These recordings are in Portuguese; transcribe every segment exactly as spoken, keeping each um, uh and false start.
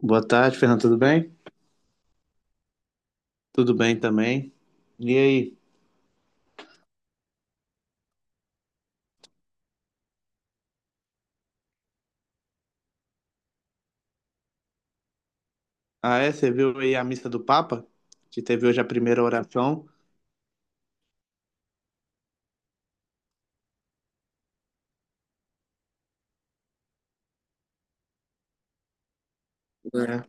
Boa tarde, Fernando. Tudo bem? Tudo bem também. E aí? Ah, é? Você viu aí a missa do Papa? Que teve hoje a primeira oração. É.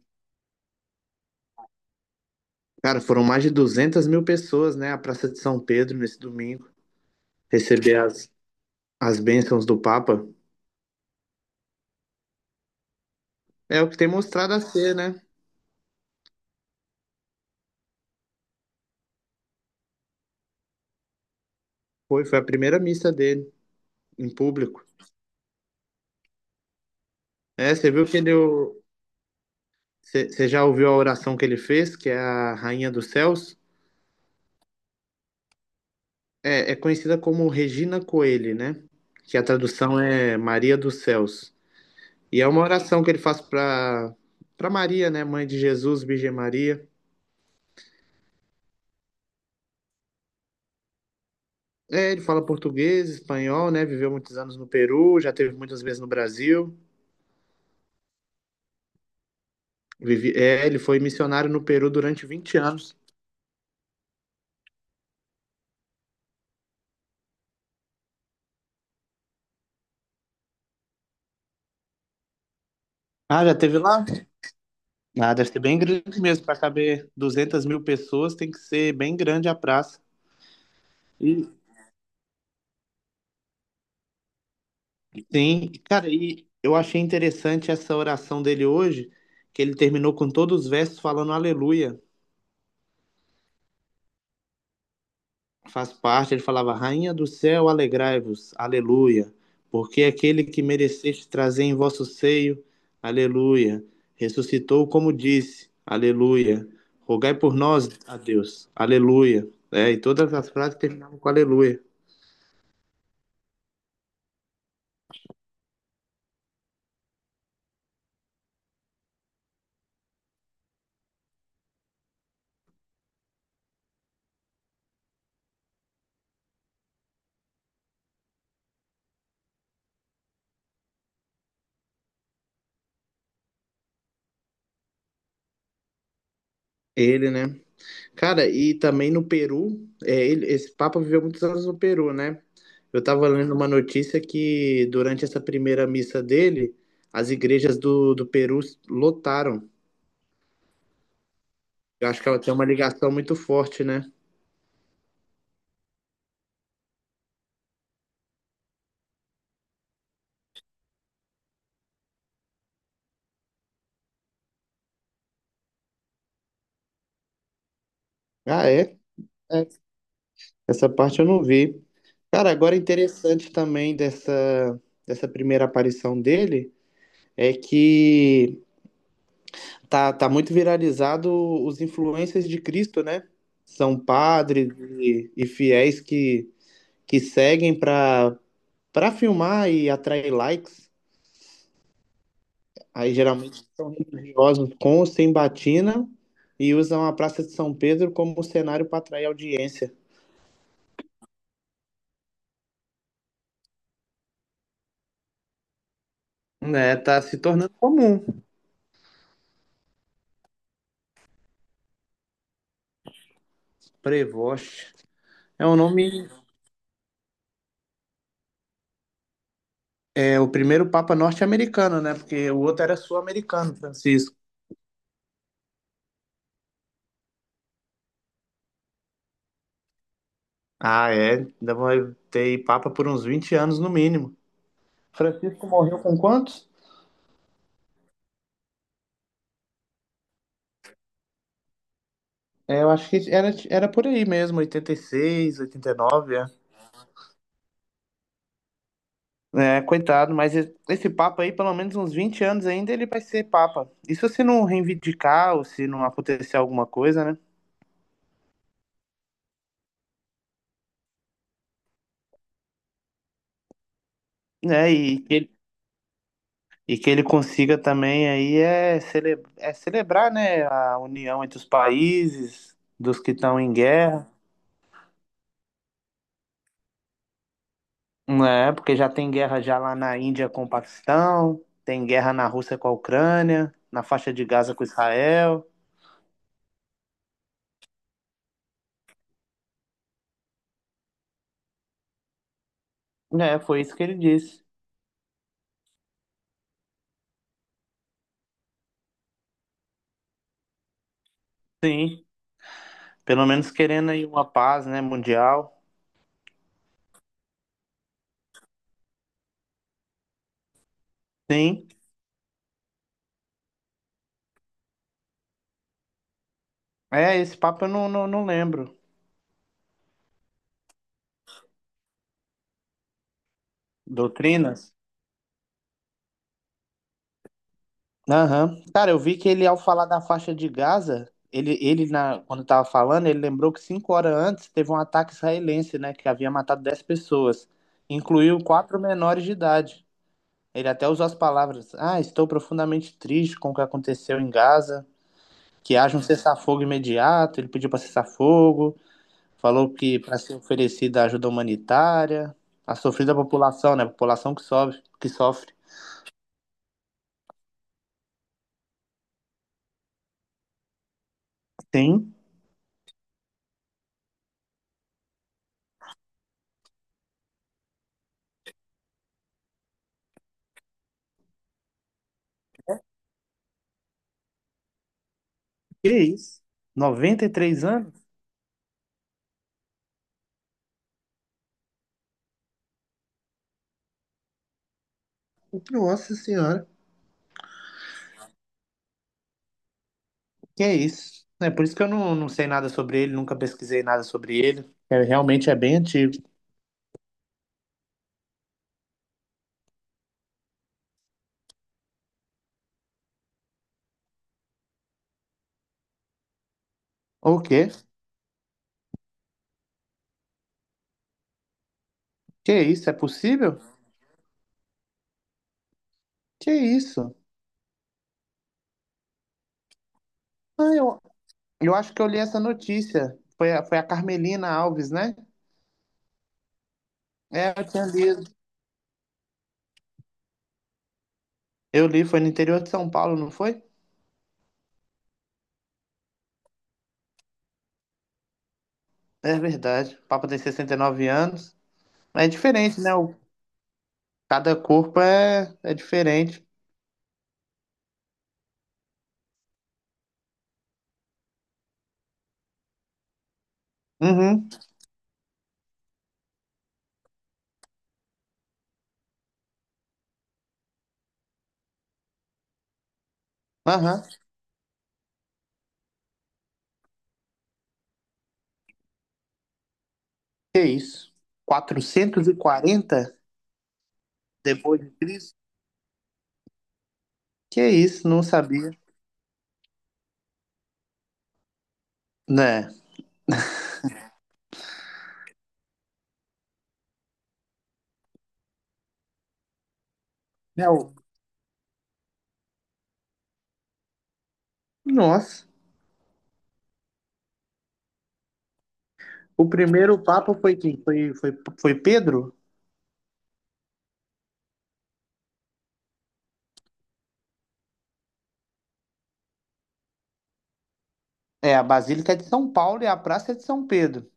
Cara, foram mais de duzentas mil pessoas, né? A Praça de São Pedro, nesse domingo, receber as, as bênçãos do Papa. É o que tem mostrado a ser, né? Foi, foi a primeira missa dele, em público. É. você viu que ele... o- Você você já ouviu a oração que ele fez, que é a Rainha dos Céus? É, é conhecida como Regina Coeli, né? Que a tradução é Maria dos Céus. E é uma oração que ele faz para para Maria, né, mãe de Jesus, Virgem Maria. É, ele fala português, espanhol, né? Viveu muitos anos no Peru, já teve muitas vezes no Brasil. Vivi, é, ele foi missionário no Peru durante vinte anos. Ah, já teve lá? Ah, deve ser bem grande mesmo. Para caber duzentas mil pessoas, tem que ser bem grande a praça. E, sim, cara, e eu achei interessante essa oração dele hoje, que ele terminou com todos os versos falando aleluia. Faz parte, ele falava: Rainha do céu, alegrai-vos, aleluia, porque aquele que mereceste trazer em vosso seio, aleluia, ressuscitou como disse, aleluia, rogai por nós a Deus, aleluia. É, e todas as frases terminavam com aleluia. Ele, né? Cara, e também no Peru, é, ele, esse Papa viveu muitos anos no Peru, né? Eu estava lendo uma notícia que durante essa primeira missa dele, as igrejas do, do Peru lotaram. Eu acho que ela tem uma ligação muito forte, né? Ah, é? É. Essa parte eu não vi. Cara, agora interessante também dessa, dessa primeira aparição dele é que tá, tá muito viralizado os influencers de Cristo, né? São padres e, e fiéis que, que seguem para para filmar e atrair likes. Aí geralmente são religiosos com ou sem batina e usam a Praça de São Pedro como cenário para atrair audiência. Né, tá se tornando comum. Prevost. É o nome, é o primeiro Papa norte-americano, né? Porque o outro era sul-americano, Francisco. Ah, é. Ainda vai ter Papa por uns vinte anos no mínimo. Francisco morreu com quantos? É, eu acho que era, era por aí mesmo, oitenta e seis, oitenta e nove, é. É, coitado, mas e- esse Papa aí, pelo menos uns vinte anos ainda, ele vai ser Papa. Isso se não reivindicar ou se não acontecer alguma coisa, né? né e que E que ele consiga também aí é, cele- é celebrar, né, a união entre os países, dos que estão em guerra, né? Porque já tem guerra já lá na Índia com o Paquistão, tem guerra na Rússia com a Ucrânia, na faixa de Gaza com Israel. É, foi isso que ele disse. Sim, pelo menos querendo aí uma paz, né, mundial. Sim, é, esse papo eu não, não, não lembro. Doutrinas? Aham. Cara, eu vi que ele, ao falar da faixa de Gaza, ele, ele na, quando tava falando, ele lembrou que cinco horas antes teve um ataque israelense, né, que havia matado dez pessoas, incluiu quatro menores de idade. Ele até usou as palavras: Ah, estou profundamente triste com o que aconteceu em Gaza, que haja um cessar-fogo imediato. Ele pediu para cessar-fogo, falou que para ser oferecida ajuda humanitária, a sofrida população, né, a população que sofre, que sofre. Sim, que isso? noventa e três anos? Nossa senhora. Que é isso? É por isso que eu não, não sei nada sobre ele, nunca pesquisei nada sobre ele. É, realmente é bem antigo. O quê? Que é isso? É possível? Que é isso? Ah, eu, eu acho que eu li essa notícia. Foi a, foi a Carmelina Alves, né? É, eu tinha lido. Eu li, foi no interior de São Paulo, não foi? É verdade. O Papa tem sessenta e nove anos. É diferente, né? O, cada corpo é, é diferente. Uhum. Aham. Que é isso? Quatrocentos e quarenta depois de Cristo? Que isso, não sabia. Né? É o- Nossa. O primeiro papa foi quem? Foi, foi, foi Pedro? É, a Basílica de São Paulo e a Praça de São Pedro.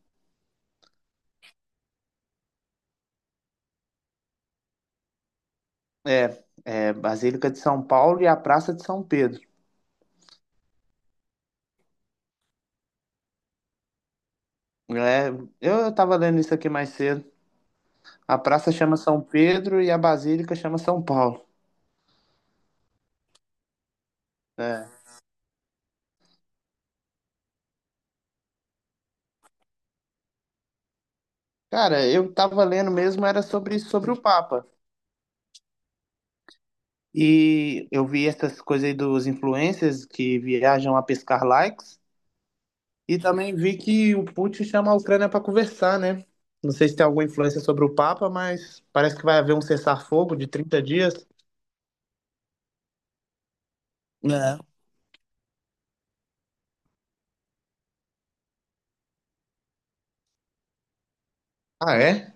É, é, Basílica de São Paulo e a Praça de São Pedro. É, eu, eu tava lendo isso aqui mais cedo. A praça chama São Pedro e a Basílica chama São Paulo. É. Cara, eu tava lendo mesmo, era sobre, sobre o Papa. E eu vi essas coisas aí dos influencers que viajam a pescar likes. E também vi que o Putin chama a Ucrânia para conversar, né? Não sei se tem alguma influência sobre o Papa, mas parece que vai haver um cessar-fogo de trinta dias. Né? Ah, é?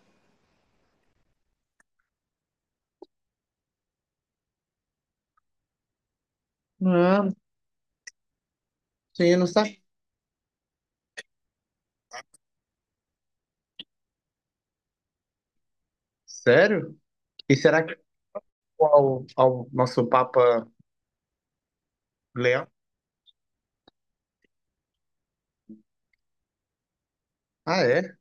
Não, sim, eu não sabe. Sério? E será que ao, ao nosso Papa Leão? Ah, é?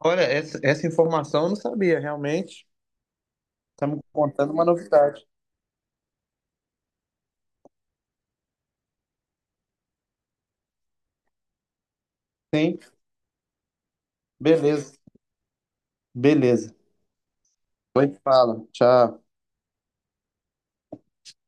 Olha, essa, essa informação eu não sabia, realmente. Tá me contando uma novidade. Sim, beleza, beleza. Depois fala. Tchau.